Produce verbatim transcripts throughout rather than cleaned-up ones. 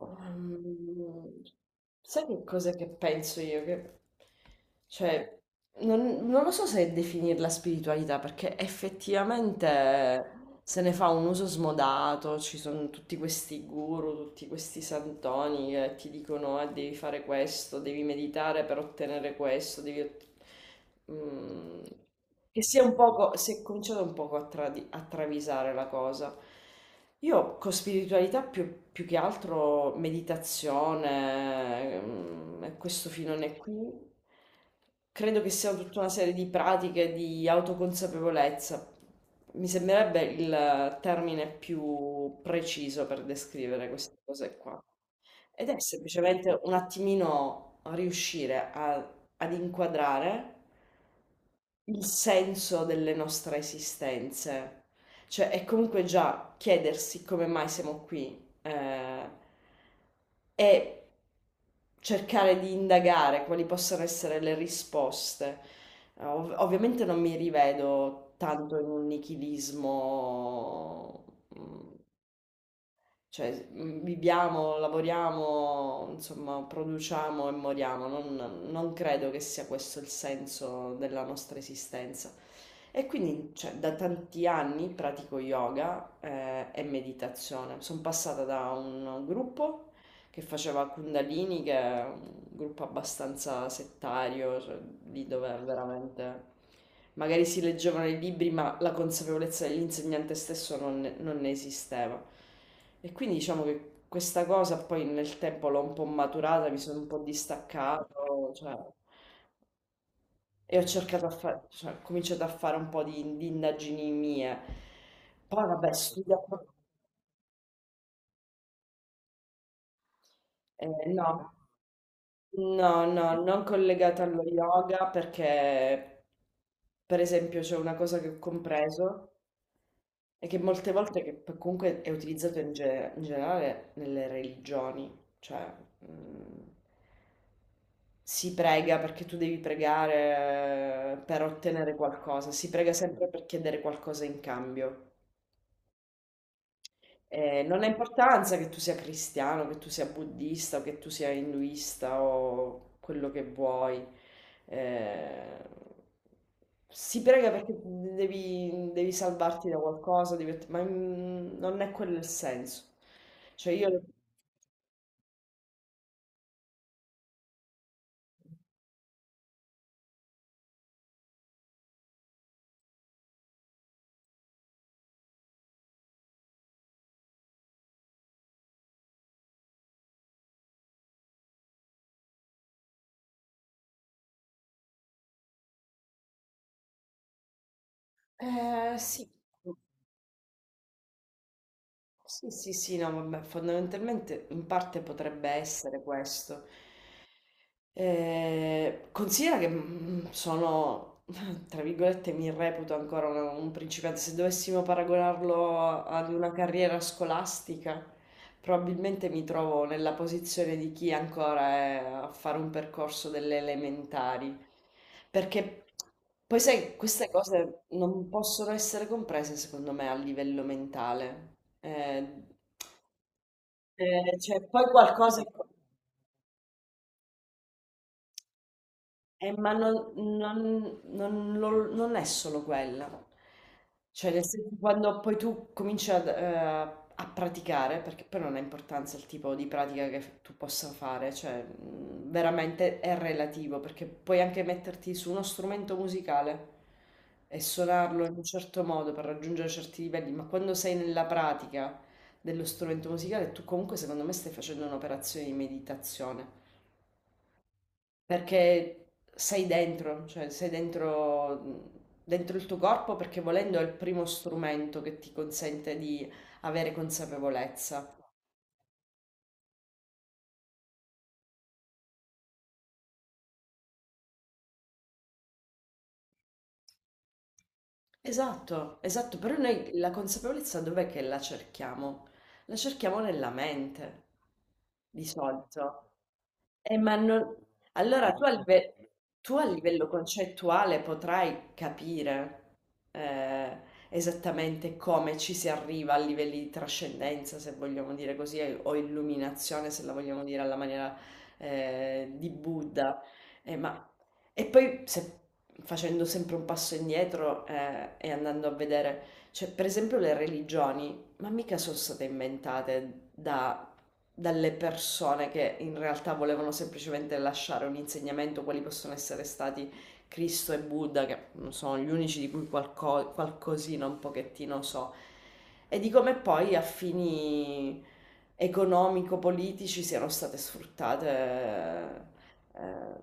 Ehm, Sai che cosa che penso io? Che, cioè, non, non lo so se definirla spiritualità, perché effettivamente se ne fa un uso smodato, ci sono tutti questi guru, tutti questi santoni che ti dicono, ah, devi fare questo, devi meditare per ottenere questo, devi... ott-" mm, che sia un poco, si è cominciato un poco a, tradi- a travisare la cosa. Io con spiritualità più, più che altro meditazione, mm, e questo filone qui, credo che siano tutta una serie di pratiche di autoconsapevolezza. Mi sembrerebbe il termine più preciso per descrivere queste cose qua. Ed è semplicemente un attimino riuscire a- ad inquadrare il senso delle nostre esistenze. Cioè, è comunque già chiedersi come mai siamo qui, eh, e cercare di indagare quali possano essere le risposte. Eh, ov- ovviamente non mi rivedo tanto in un nichilismo. mm, cioè, mhmm, viviamo, lavoriamo, insomma, produciamo e moriamo. Non non credo che sia questo il senso della nostra esistenza. E quindi, cioè, da tanti anni pratico yoga, ehm, e meditazione. Son passata da un gruppo che faceva Kundalini, che è un gruppo abbastanza settario, cioè, lì dove veramente magari si leggevano i libri, ma la consapevolezza dell'insegnante stesso non ne, non ne esisteva. E quindi diciamo che questa cosa poi nel tempo l'ho un po' maturata, mi sono un po' distaccato, cioè, e ho cercato a fare, cioè, ho cominciato a fare un po' di, di indagini mie. Poi vabbè, studiavo, eh, no. No, no, non collegata allo yoga perché, per esempio, c'è una cosa che ho compreso e che molte volte che p- comunque è utilizzato in, ge- in generale nelle religioni, cioè mm, si prega perché tu devi pregare eh, per ottenere qualcosa, si prega sempre per chiedere qualcosa in cambio. Eh, non ha importanza che tu sia cristiano, che tu sia buddista, o che tu sia induista o quello che vuoi. Eh, si prega perché devi, devi salvarti da qualcosa, devi ott- ma mm, non è quello il senso. Cioè io. Eh, sì. Sì, sì, sì, no, vabbè, fondamentalmente in parte potrebbe essere questo. Eh, considera che mm, sono, tra virgolette, mi reputo ancora una- un principiante. Se dovessimo paragonarlo ad una carriera scolastica, probabilmente mi trovo nella posizione di chi ancora è a fare un percorso delle elementari. Perché poi, sai, queste cose non possono essere comprese, secondo me, a livello mentale. Eh, eh, cioè, poi qualcosa. Eh, ma non, non- non- non- non è solo quella. Cioè, nel senso, quando poi tu cominci ad, eh, a praticare, perché poi non ha importanza il tipo di pratica che tu possa fare, cioè, mh, veramente è relativo, perché puoi anche metterti su uno strumento musicale e suonarlo in un certo modo per raggiungere certi livelli, ma quando sei nella pratica dello strumento musicale, tu comunque, secondo me, stai facendo un'operazione di meditazione. Perché sei dentro, cioè sei dentro, dentro il tuo corpo perché volendo è il primo strumento che ti consente di avere consapevolezza. Esatto, esatto, però noi la consapevolezza dov'è che la cerchiamo? La cerchiamo nella mente, di solito. Eh, ma non... Allora tu a, live- tu a livello concettuale potrai capire eh, esattamente come ci si arriva a livelli di trascendenza, se vogliamo dire così, o illuminazione, se la vogliamo dire alla maniera eh, di Buddha. Eh, ma... E poi se- Facendo sempre un passo indietro eh, e andando a vedere, cioè, per esempio le religioni ma mica sono state inventate da- dalle persone che in realtà volevano semplicemente lasciare un insegnamento, quali possono essere stati Cristo e Buddha, che sono gli unici di cui qualco- qualcosina un pochettino so, e di come poi a fini economico-politici siano state sfruttate. eh,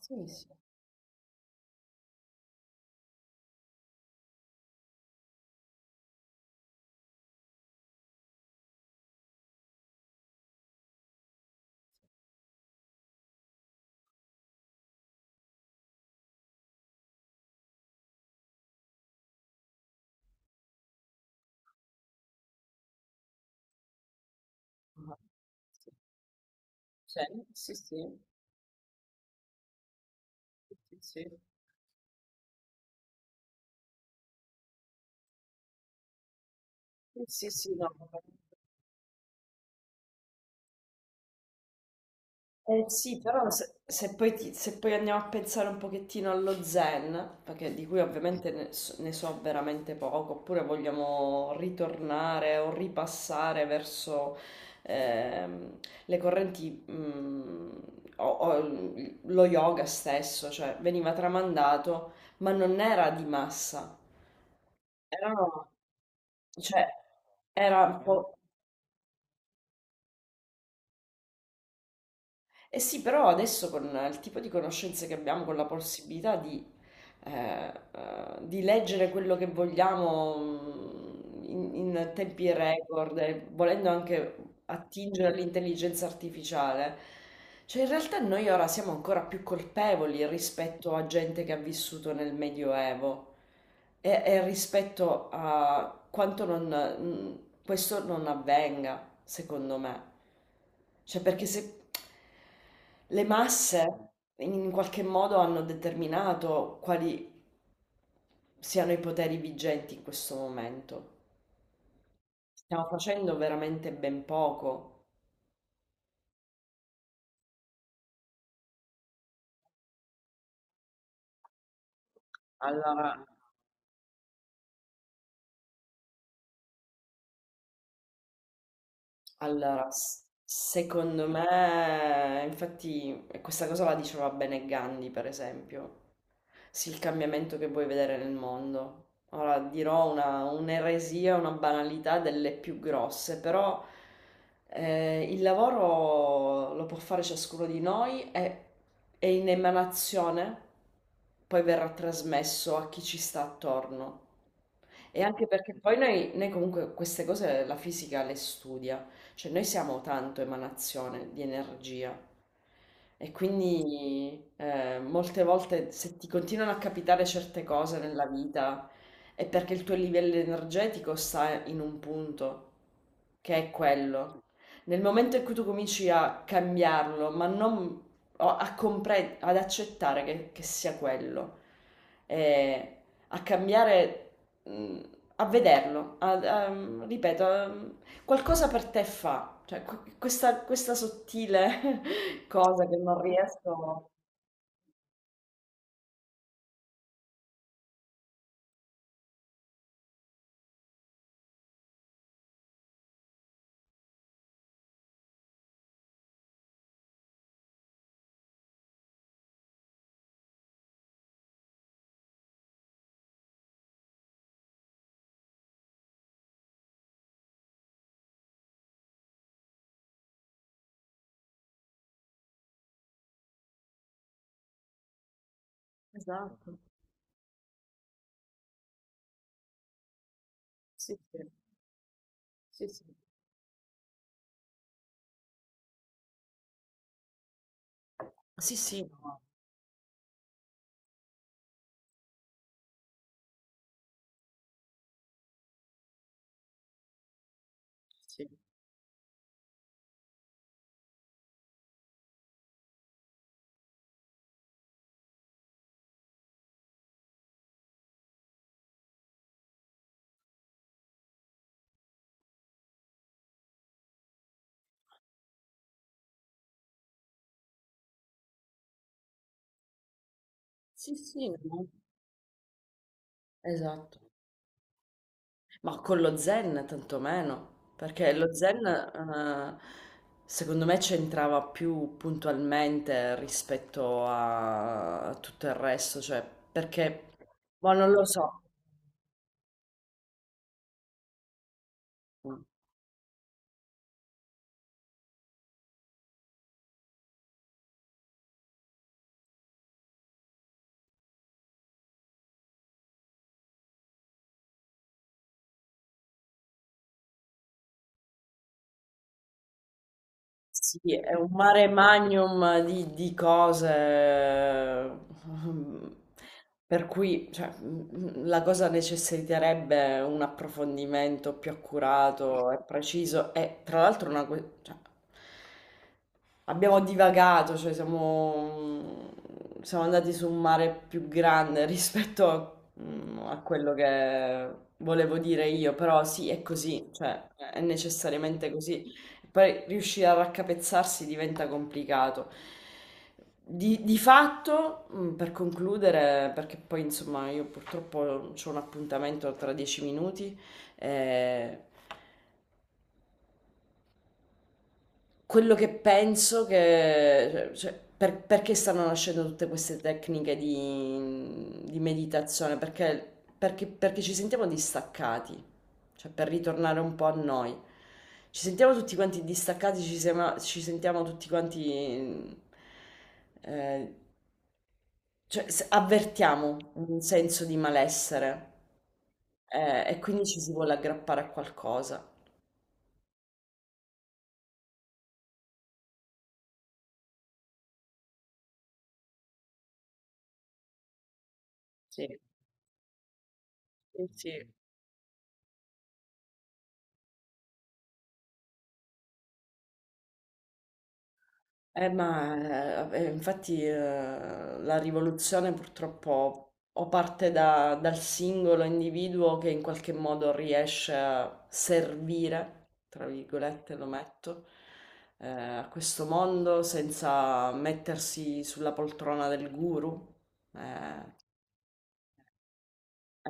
Sì, sì. Ah, sì. Cioè, sì, sì, sì, sì, sì, sì, no. Eh sì, però se, se poi ti- se poi andiamo a pensare un pochettino allo zen, perché di cui ovviamente ne so, ne so veramente poco, oppure vogliamo ritornare o ripassare verso ehm, le correnti, mm, o, o lo yoga stesso, cioè veniva tramandato, ma non era di massa, erano, cioè, era un po'. Eh sì, però adesso con il tipo di conoscenze che abbiamo, con la possibilità di, eh, eh, di leggere quello che vogliamo mm, in, in tempi record, e volendo anche attingere all'intelligenza artificiale, cioè in realtà noi ora siamo ancora più colpevoli rispetto a gente che ha vissuto nel Medioevo. E, e rispetto a quanto non, mh, questo non avvenga, secondo me. Cioè, perché se le masse in qualche modo hanno determinato quali siano i poteri vigenti in questo momento. Stiamo facendo veramente ben poco. Allora, allora, s- Secondo me, infatti, e questa cosa la diceva bene Gandhi, per esempio. Sì, il cambiamento che vuoi vedere nel mondo. Ora dirò una, un'eresia, una banalità delle più grosse, però eh, il lavoro lo può fare ciascuno di noi e è in emanazione, poi verrà trasmesso a chi ci sta attorno. E anche perché poi noi, noi comunque queste cose la fisica le studia. Cioè noi siamo tanto emanazione di energia e quindi eh, molte volte se ti continuano a capitare certe cose nella vita è perché il tuo livello energetico sta in un punto, che è quello. Nel momento in cui tu cominci a cambiarlo, ma non o a compre- ad accettare che, che sia quello, eh, a cambiare, mh, a vederlo, a- a- ripeto, a- qualcosa per te fa, cioè qu- questa, questa sottile cosa che non riesco. Esatto, sì, sì, sì, sì. Sì, sì, no. Sì, sì, sì, no. Esatto. Ma con lo zen tantomeno, perché lo zen eh, secondo me c'entrava più puntualmente rispetto a tutto il resto, cioè perché, ma non lo so. Sì, è un mare magnum di, di cose, ehm, per cui cioè, mm, la cosa necessiterebbe un approfondimento più accurato e preciso e tra l'altro una, que- cioè, abbiamo divagato, cioè siamo, siamo andati su un mare più grande rispetto a mm, a quello che volevo dire io, però sì, è così, cioè è necessariamente così poi riuscire a raccapezzarsi diventa complicato. Di, di fatto, mh, per concludere, perché poi insomma io purtroppo ho un appuntamento tra dieci minuti, eh, quello che penso che, cioè, cioè, per- perché stanno nascendo tutte queste tecniche di, di meditazione? Perché, perché- perché ci sentiamo distaccati, cioè per ritornare un po' a noi. Ci sentiamo tutti quanti distaccati, ci, siamo- ci sentiamo tutti quanti, eh, cioè se- avvertiamo un senso di malessere, eh, e quindi ci si vuole aggrappare a qualcosa. Sì, sì. Sì. Eh, ma eh, eh, infatti, eh, la rivoluzione purtroppo o parte da- dal singolo individuo che in qualche modo riesce a servire, tra virgolette lo metto, eh, a questo mondo senza mettersi sulla poltrona del guru. Eh,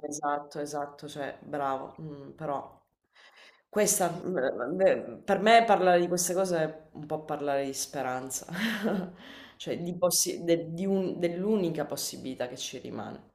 Esatto, esatto, cioè bravo, mm, però questa, mm, eh, beh, per me parlare di queste cose è un po' parlare di speranza, cioè di possi- de- di un- dell'unica possibilità che ci rimane.